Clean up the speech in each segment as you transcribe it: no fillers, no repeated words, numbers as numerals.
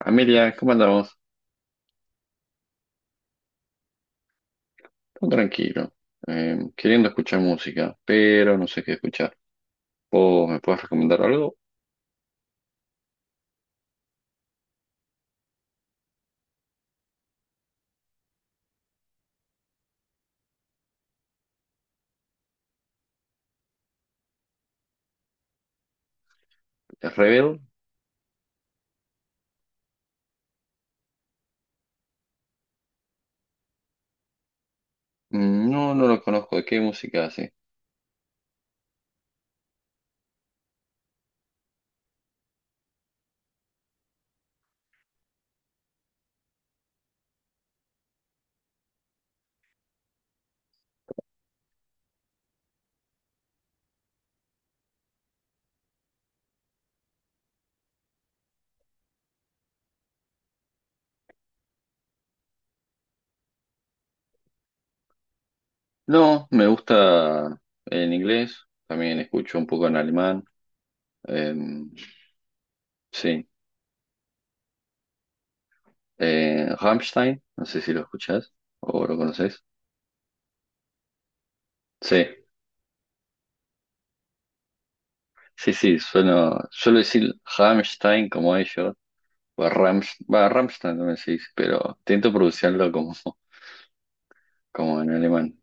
Amelia, ¿cómo andamos? Todo tranquilo, queriendo escuchar música, pero no sé qué escuchar. ¿Vos me puedes recomendar algo? ¿Rebel? Mm, no, no lo conozco. ¿De qué música hace? No, me gusta en inglés, también escucho un poco en alemán. em, sí, Rammstein, no sé si lo escuchás o lo conoces. Sí, sí, sí, suelo decir Rammstein como ellos, o Rams, va, Rammstein también se dice, pero intento pronunciarlo como en alemán.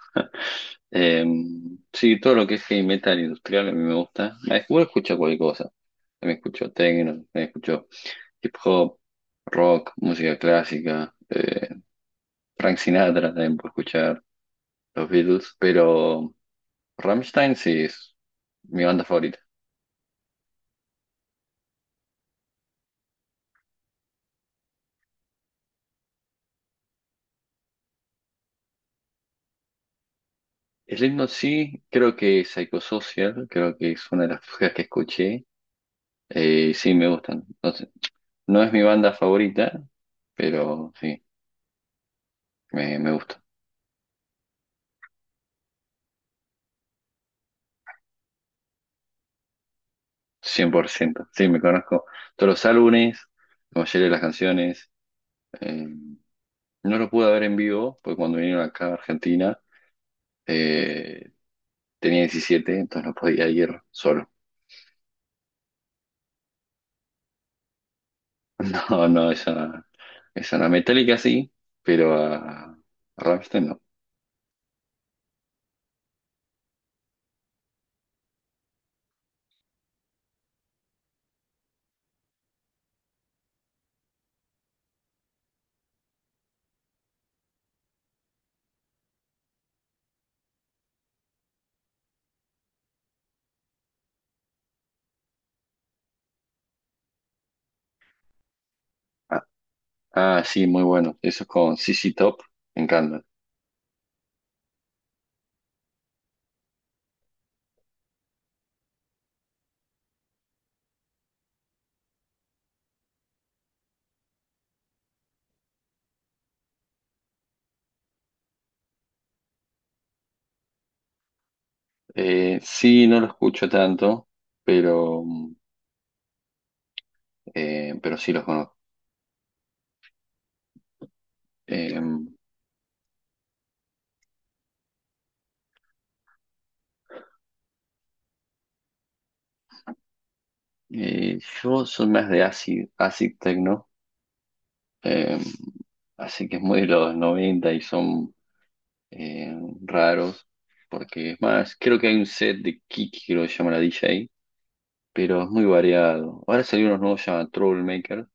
Eh, sí, todo lo que es heavy metal industrial a mí me gusta. Igual escucho cualquier cosa. Me escucho techno, me escucho hip hop, rock, música clásica, Frank Sinatra también puedo escuchar, los Beatles, pero Rammstein sí es mi banda favorita. Slipknot sí, creo que Psychosocial, creo que es una de las cosas que escuché. Sí, me gustan. No sé, no es mi banda favorita, pero sí, me gusta. 100% sí, me conozco todos los álbumes, como de las canciones. Eh, no lo pude ver en vivo, porque cuando vinieron acá a Argentina eh, tenía 17 entonces no podía ir solo. No, no, esa no. Metallica sí, pero a Rammstein no. Ah, ah, sí, muy bueno. Eso es con CC Top, me encanta. Sí, no lo escucho tanto, pero, pero sí los conozco. Eh, yo soy más de acid, techno, eh, así que es muy de los 90 y son eh, raros, porque es más, creo que hay un set de Kiki, creo que se llama la DJ, pero es muy variado. Ahora salió unos nuevos, se llama Troublemaker,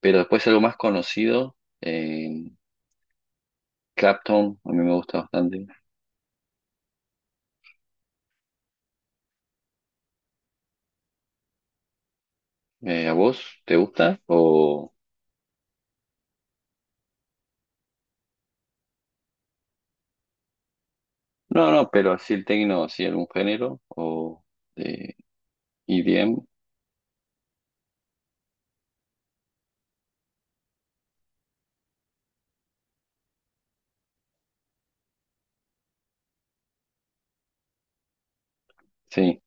pero después algo más conocido, eh, Clapton, a mí me gusta bastante. ¿A vos te gusta? O... No, no, pero así el techno, así algún género, o de EDM, sí,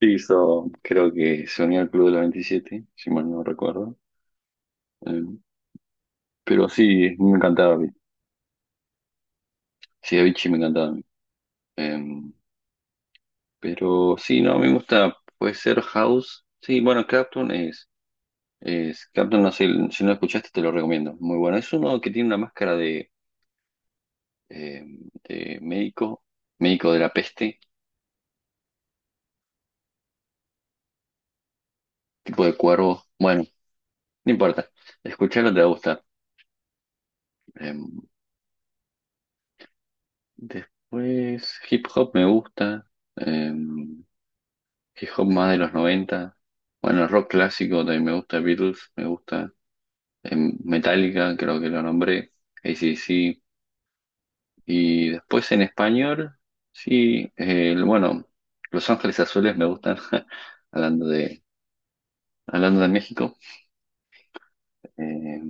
sí hizo, creo que se unió al Club de la 27 si mal no recuerdo. Eh, pero sí, me encantaba, Avicii. Sí, Avicii me encantaba a mí. Eh, pero sí, no, me gusta, puede ser House. Sí, bueno, Clapton es, Clapton, no sé, si no lo escuchaste te lo recomiendo, muy bueno. Es uno que tiene una máscara de, eh, de médico, médico de la peste, tipo de cuervo. Bueno, no importa, escucharlo te va a gustar. Eh, Después, hip hop me gusta. Eh, Hip hop más de los 90. Bueno, rock clásico, también me gusta Beatles, me gusta Metallica, creo que lo nombré, AC/DC. Y después en español, sí, bueno, Los Ángeles Azules me gustan, hablando de, hablando de México. Eh,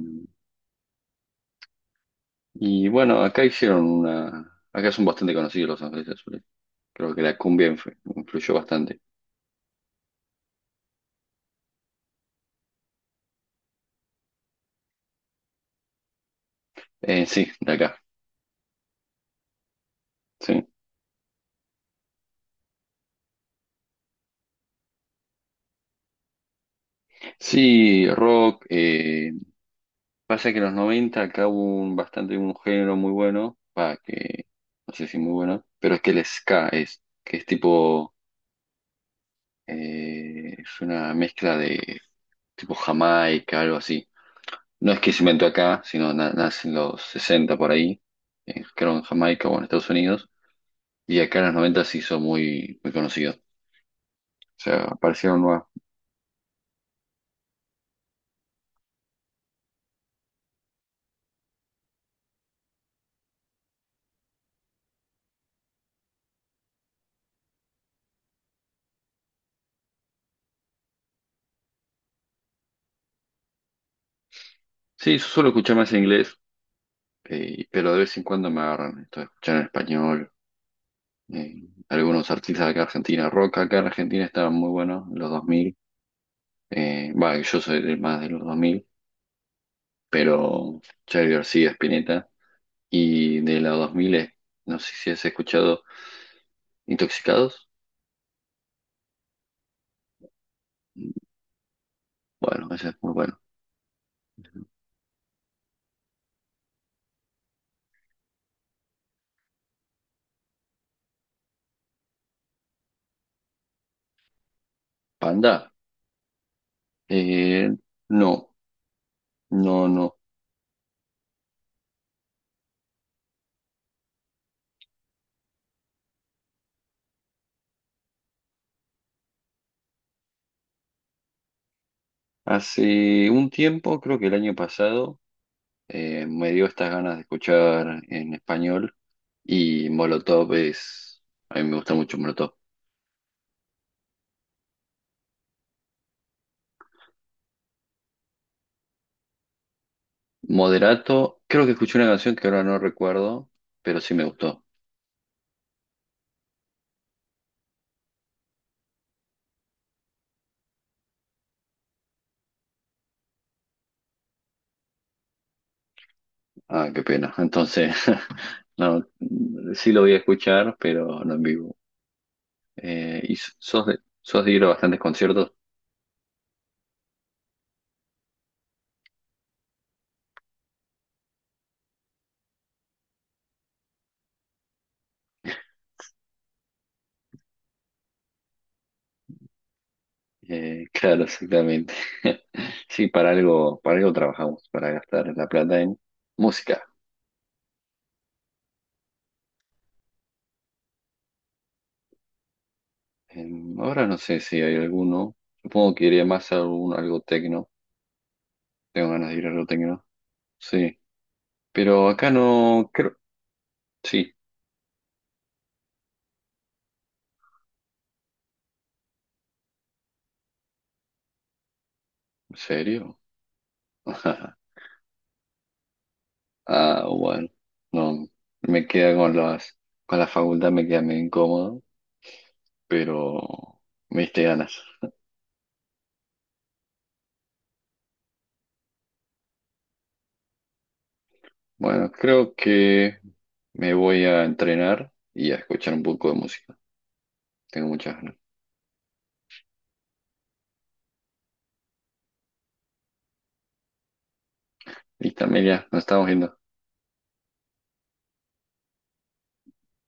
y bueno, acá hicieron una, acá son bastante conocidos Los Ángeles Azules. Creo que la cumbia influyó bastante. Sí, de acá. Sí, sí, rock. Pasa que en los 90 acá hubo un, bastante un género muy bueno, va, que no sé si muy bueno, pero es que el ska es, que es tipo, es una mezcla de tipo Jamaica, algo así. No es que se inventó acá, sino nace en los 60 por ahí, creo en Jamaica o en Estados Unidos, y acá en los 90 se hizo muy, muy conocido. O sea, aparecieron nuevas. Sí, yo suelo escuchar más en inglés, pero de vez en cuando me agarran esto de escuchar en español eh, algunos artistas de acá de Argentina, rock acá en Argentina estaban muy buenos en los 2000, bah, yo soy del más de los 2000 pero Charly García, Spinetta, y de los 2000, no sé si has escuchado Intoxicados, bueno, ese es muy bueno. Panda, eh, no, no, no. Hace un tiempo, creo que el año pasado, me dio estas ganas de escuchar en español y a mí me gusta mucho Molotov. Moderato, creo que escuché una canción que ahora no recuerdo, pero sí me gustó. Ah, qué pena. Entonces, no, sí lo voy a escuchar, pero no en vivo. Y sos de ir a bastantes conciertos. Claro, exactamente. Sí, para algo trabajamos, para gastar la plata en música. Ahora no sé si hay alguno. Supongo que iría más a algún, algo tecno. Tengo ganas de ir a algo tecno. Sí. Pero acá no creo. Sí, ¿en serio? Ah, bueno, no, me queda con la facultad me queda medio incómodo, pero me diste ganas. Bueno, creo que me voy a entrenar y a escuchar un poco de música. Tengo muchas ganas. Listo, Amelia, nos estamos viendo.